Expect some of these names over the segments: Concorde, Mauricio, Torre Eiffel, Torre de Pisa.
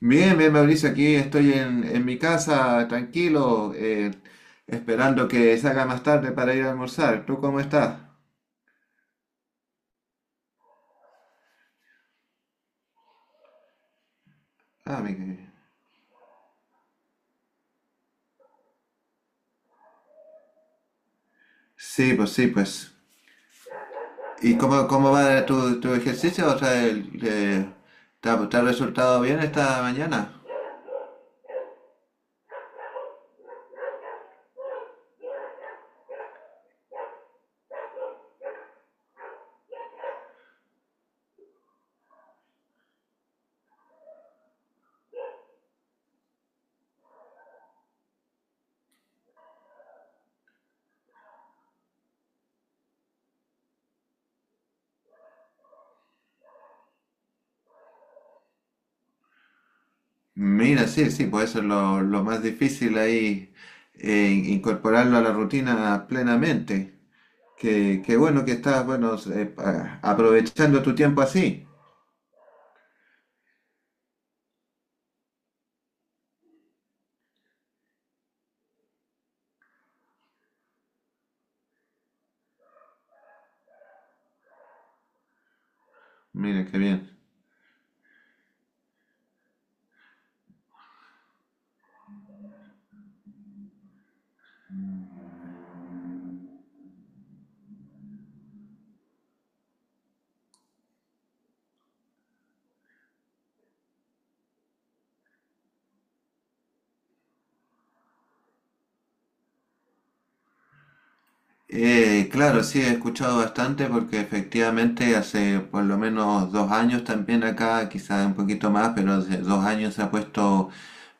Bien, bien, Mauricio, aquí estoy en mi casa, tranquilo, esperando que se haga más tarde para ir a almorzar. ¿Tú cómo estás? Ah, mi querido. Sí, pues sí, pues. ¿Y cómo va tu ejercicio? O sea, ¿te ha resultado bien esta mañana? Mira, sí, sí, pues eso es lo más difícil ahí, incorporarlo a la rutina plenamente. Qué bueno que estás, bueno, aprovechando tu tiempo así. Mira, qué bien. Claro, sí, he escuchado bastante porque efectivamente hace por lo menos dos años también acá, quizás un poquito más, pero hace dos años se ha puesto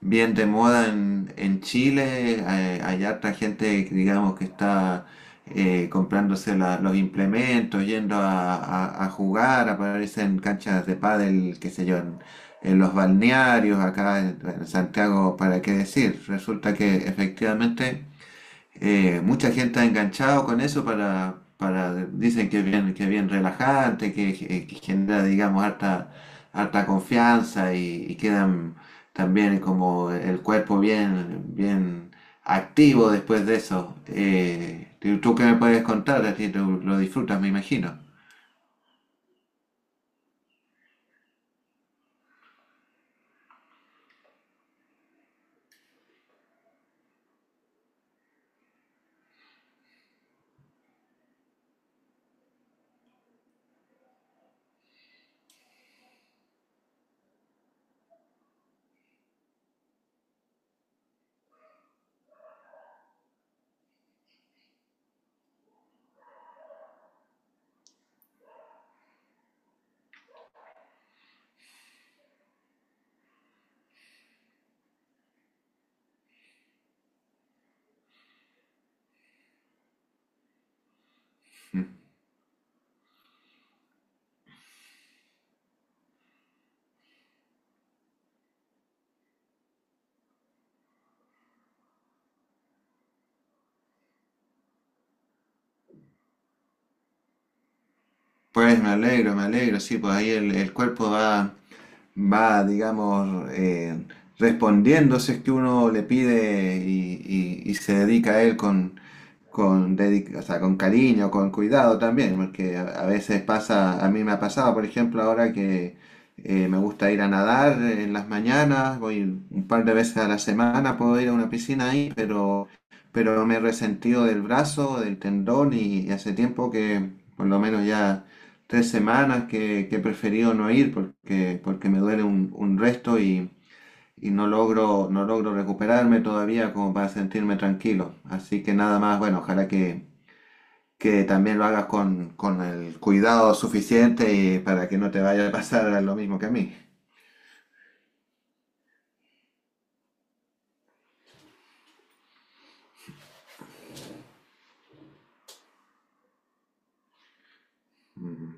bien de moda en Chile. Hay harta gente, que, digamos, que está comprándose los implementos, yendo a, a jugar, aparecen canchas de pádel, qué sé yo, en los balnearios, acá en Santiago, ¿para qué decir? Resulta que efectivamente... mucha gente ha enganchado con eso para dicen que es bien relajante, que, que genera, digamos, harta, harta confianza y quedan también como el cuerpo bien, bien activo después de eso. ¿Tú qué me puedes contar? A ti tú lo disfrutas, me imagino. ¿Mm? Pues me alegro, sí, pues ahí el cuerpo va. Va, digamos, respondiendo si es que uno le pide y, y se dedica a él con, o sea, con cariño, con cuidado también, porque a veces pasa, a mí me ha pasado, por ejemplo, ahora que me gusta ir a nadar en las mañanas, voy un par de veces a la semana, puedo ir a una piscina ahí, pero me he resentido del brazo, del tendón y hace tiempo que por lo menos ya tres semanas que he preferido no ir porque, porque me duele un resto y no logro, no logro recuperarme todavía como para sentirme tranquilo. Así que nada más, bueno, ojalá que también lo hagas con el cuidado suficiente y para que no te vaya a pasar lo mismo que a mí. Mm.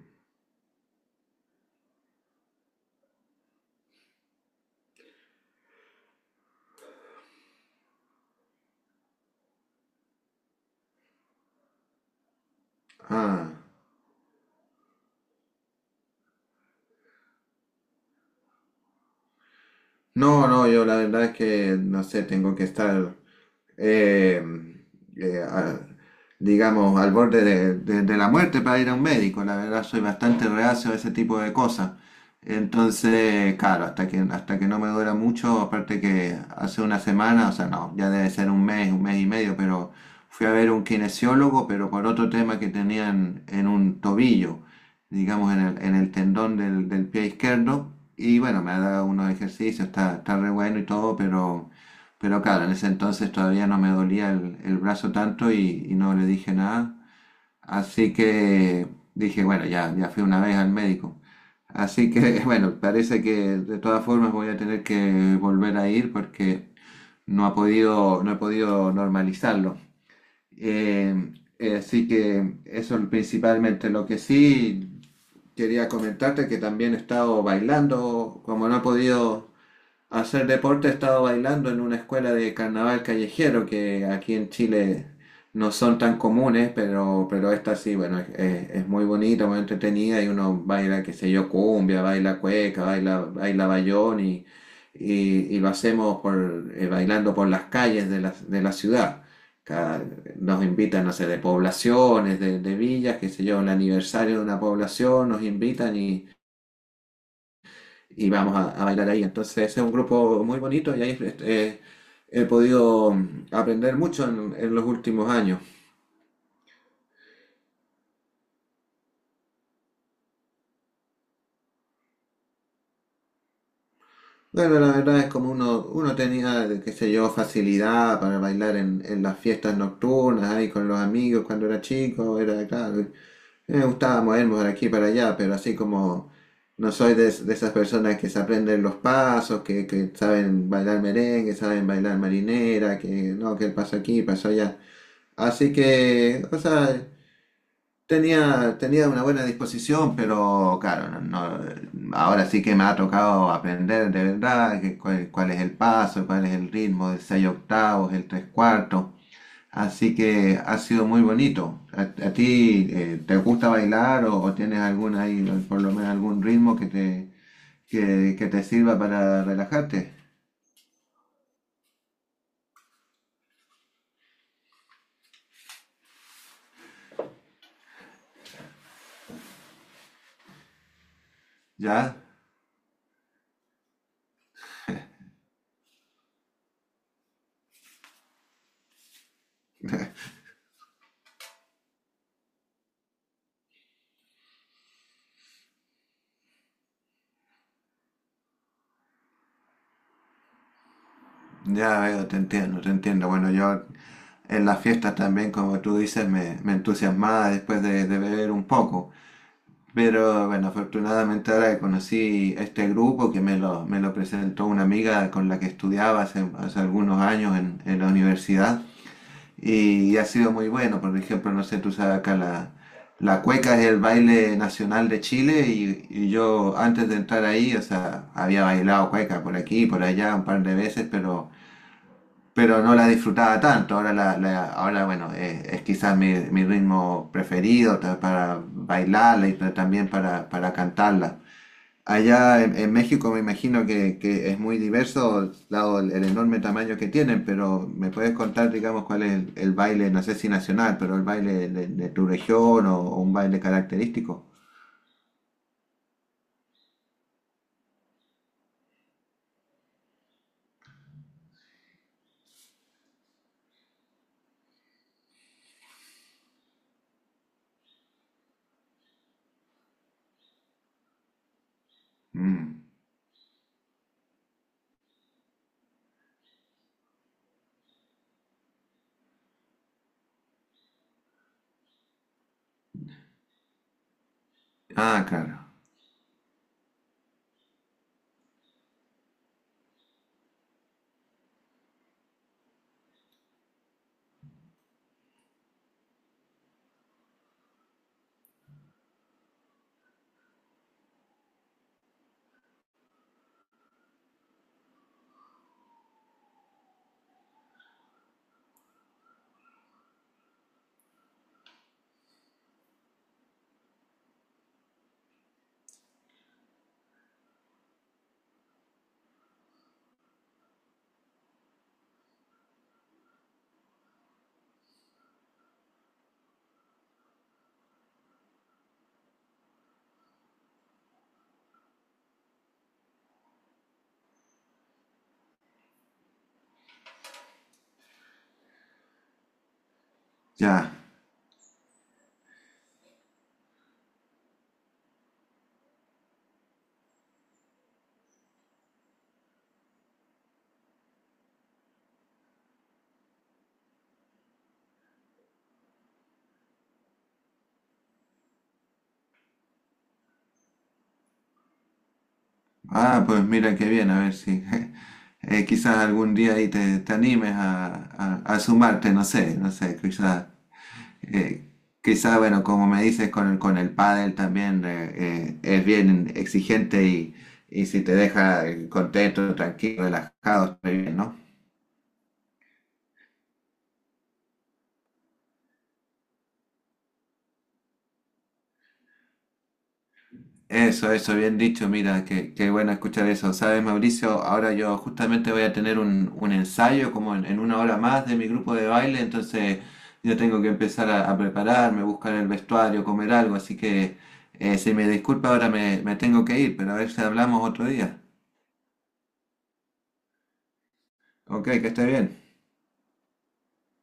Ah. No, no, yo la verdad es que no sé, tengo que estar eh, eh, a- digamos, al borde de, de la muerte para ir a un médico. La verdad, soy bastante reacio a ese tipo de cosas. Entonces, claro, hasta que no me duela mucho, aparte que hace una semana, o sea, no, ya debe ser un mes y medio, pero fui a ver un kinesiólogo, pero por otro tema que tenían en un tobillo, digamos, en el tendón del, del pie izquierdo. Y bueno, me ha dado unos ejercicios, está, está re bueno y todo, pero... Pero claro, en ese entonces todavía no me dolía el brazo tanto y no le dije nada. Así que dije, bueno, ya, ya fui una vez al médico. Así que, bueno, parece que de todas formas voy a tener que volver a ir porque no ha podido, no he podido normalizarlo. Eh, así que eso es principalmente. Lo que sí quería comentarte que también he estado bailando, como no he podido hacer deporte he estado bailando en una escuela de carnaval callejero que aquí en Chile no son tan comunes, pero esta sí, bueno, es, es muy bonita, muy entretenida y uno baila, qué sé yo, cumbia, baila cueca, baila, baila bayón y lo hacemos por, bailando por las calles de la ciudad. Cada- nos invitan, no sé, de poblaciones, de villas, qué sé yo, el aniversario de una población, nos invitan y vamos a bailar ahí. Entonces ese es un grupo muy bonito y ahí he podido aprender mucho en los últimos años. Bueno, la verdad es como uno, uno tenía, qué sé yo, facilidad para bailar en las fiestas nocturnas, ahí con los amigos cuando era chico, era claro, me gustaba movernos de aquí para allá, pero así como no soy de, de esas personas que se aprenden los pasos, que saben bailar merengue, saben bailar marinera, que no, que el paso aquí, paso allá. Así que, o sea, tenía, tenía una buena disposición, pero claro, no, ahora sí que me ha tocado aprender de verdad que cuál, cuál es el paso, cuál es el ritmo del 6 octavos, el 3 cuartos. Así que ha sido muy bonito. A ti te gusta bailar o tienes algún ahí, por lo menos algún ritmo que te sirva para relajarte? ¿Ya? Ya veo, te entiendo, te entiendo. Bueno, yo en las fiestas también, como tú dices, me entusiasmaba después de beber un poco. Pero bueno, afortunadamente ahora que conocí este grupo que me lo presentó una amiga con la que estudiaba hace, hace algunos años en la universidad y, ha sido muy bueno. Por ejemplo, no sé, tú sabes acá la, la cueca es el baile nacional de Chile y yo antes de entrar ahí, o sea, había bailado cueca por aquí y por allá un par de veces, pero no la disfrutaba tanto. Ahora, la, ahora bueno, es quizás mi, mi ritmo preferido para bailarla y también para cantarla. Allá en México me imagino que es muy diverso, dado el enorme tamaño que tienen, pero ¿me puedes contar, digamos, cuál es el baile, no sé si nacional, pero el baile de tu región o un baile característico? Mm. Ah, claro. Ya. Ah, pues mira qué bien, a ver si quizás algún día ahí te, te animes a, a sumarte, no sé, no sé, quizás, eh, quizás, bueno, como me dices, con el pádel también es bien exigente y si te deja contento, tranquilo, relajado, está bien, ¿no? Eso, bien dicho, mira, qué, qué bueno escuchar eso. Sabes, Mauricio, ahora yo justamente voy a tener un ensayo como en una hora más de mi grupo de baile, entonces yo tengo que empezar a prepararme, buscar el vestuario, comer algo, así que si me disculpa ahora me, me tengo que ir, pero a ver si hablamos otro día. Ok, que esté bien.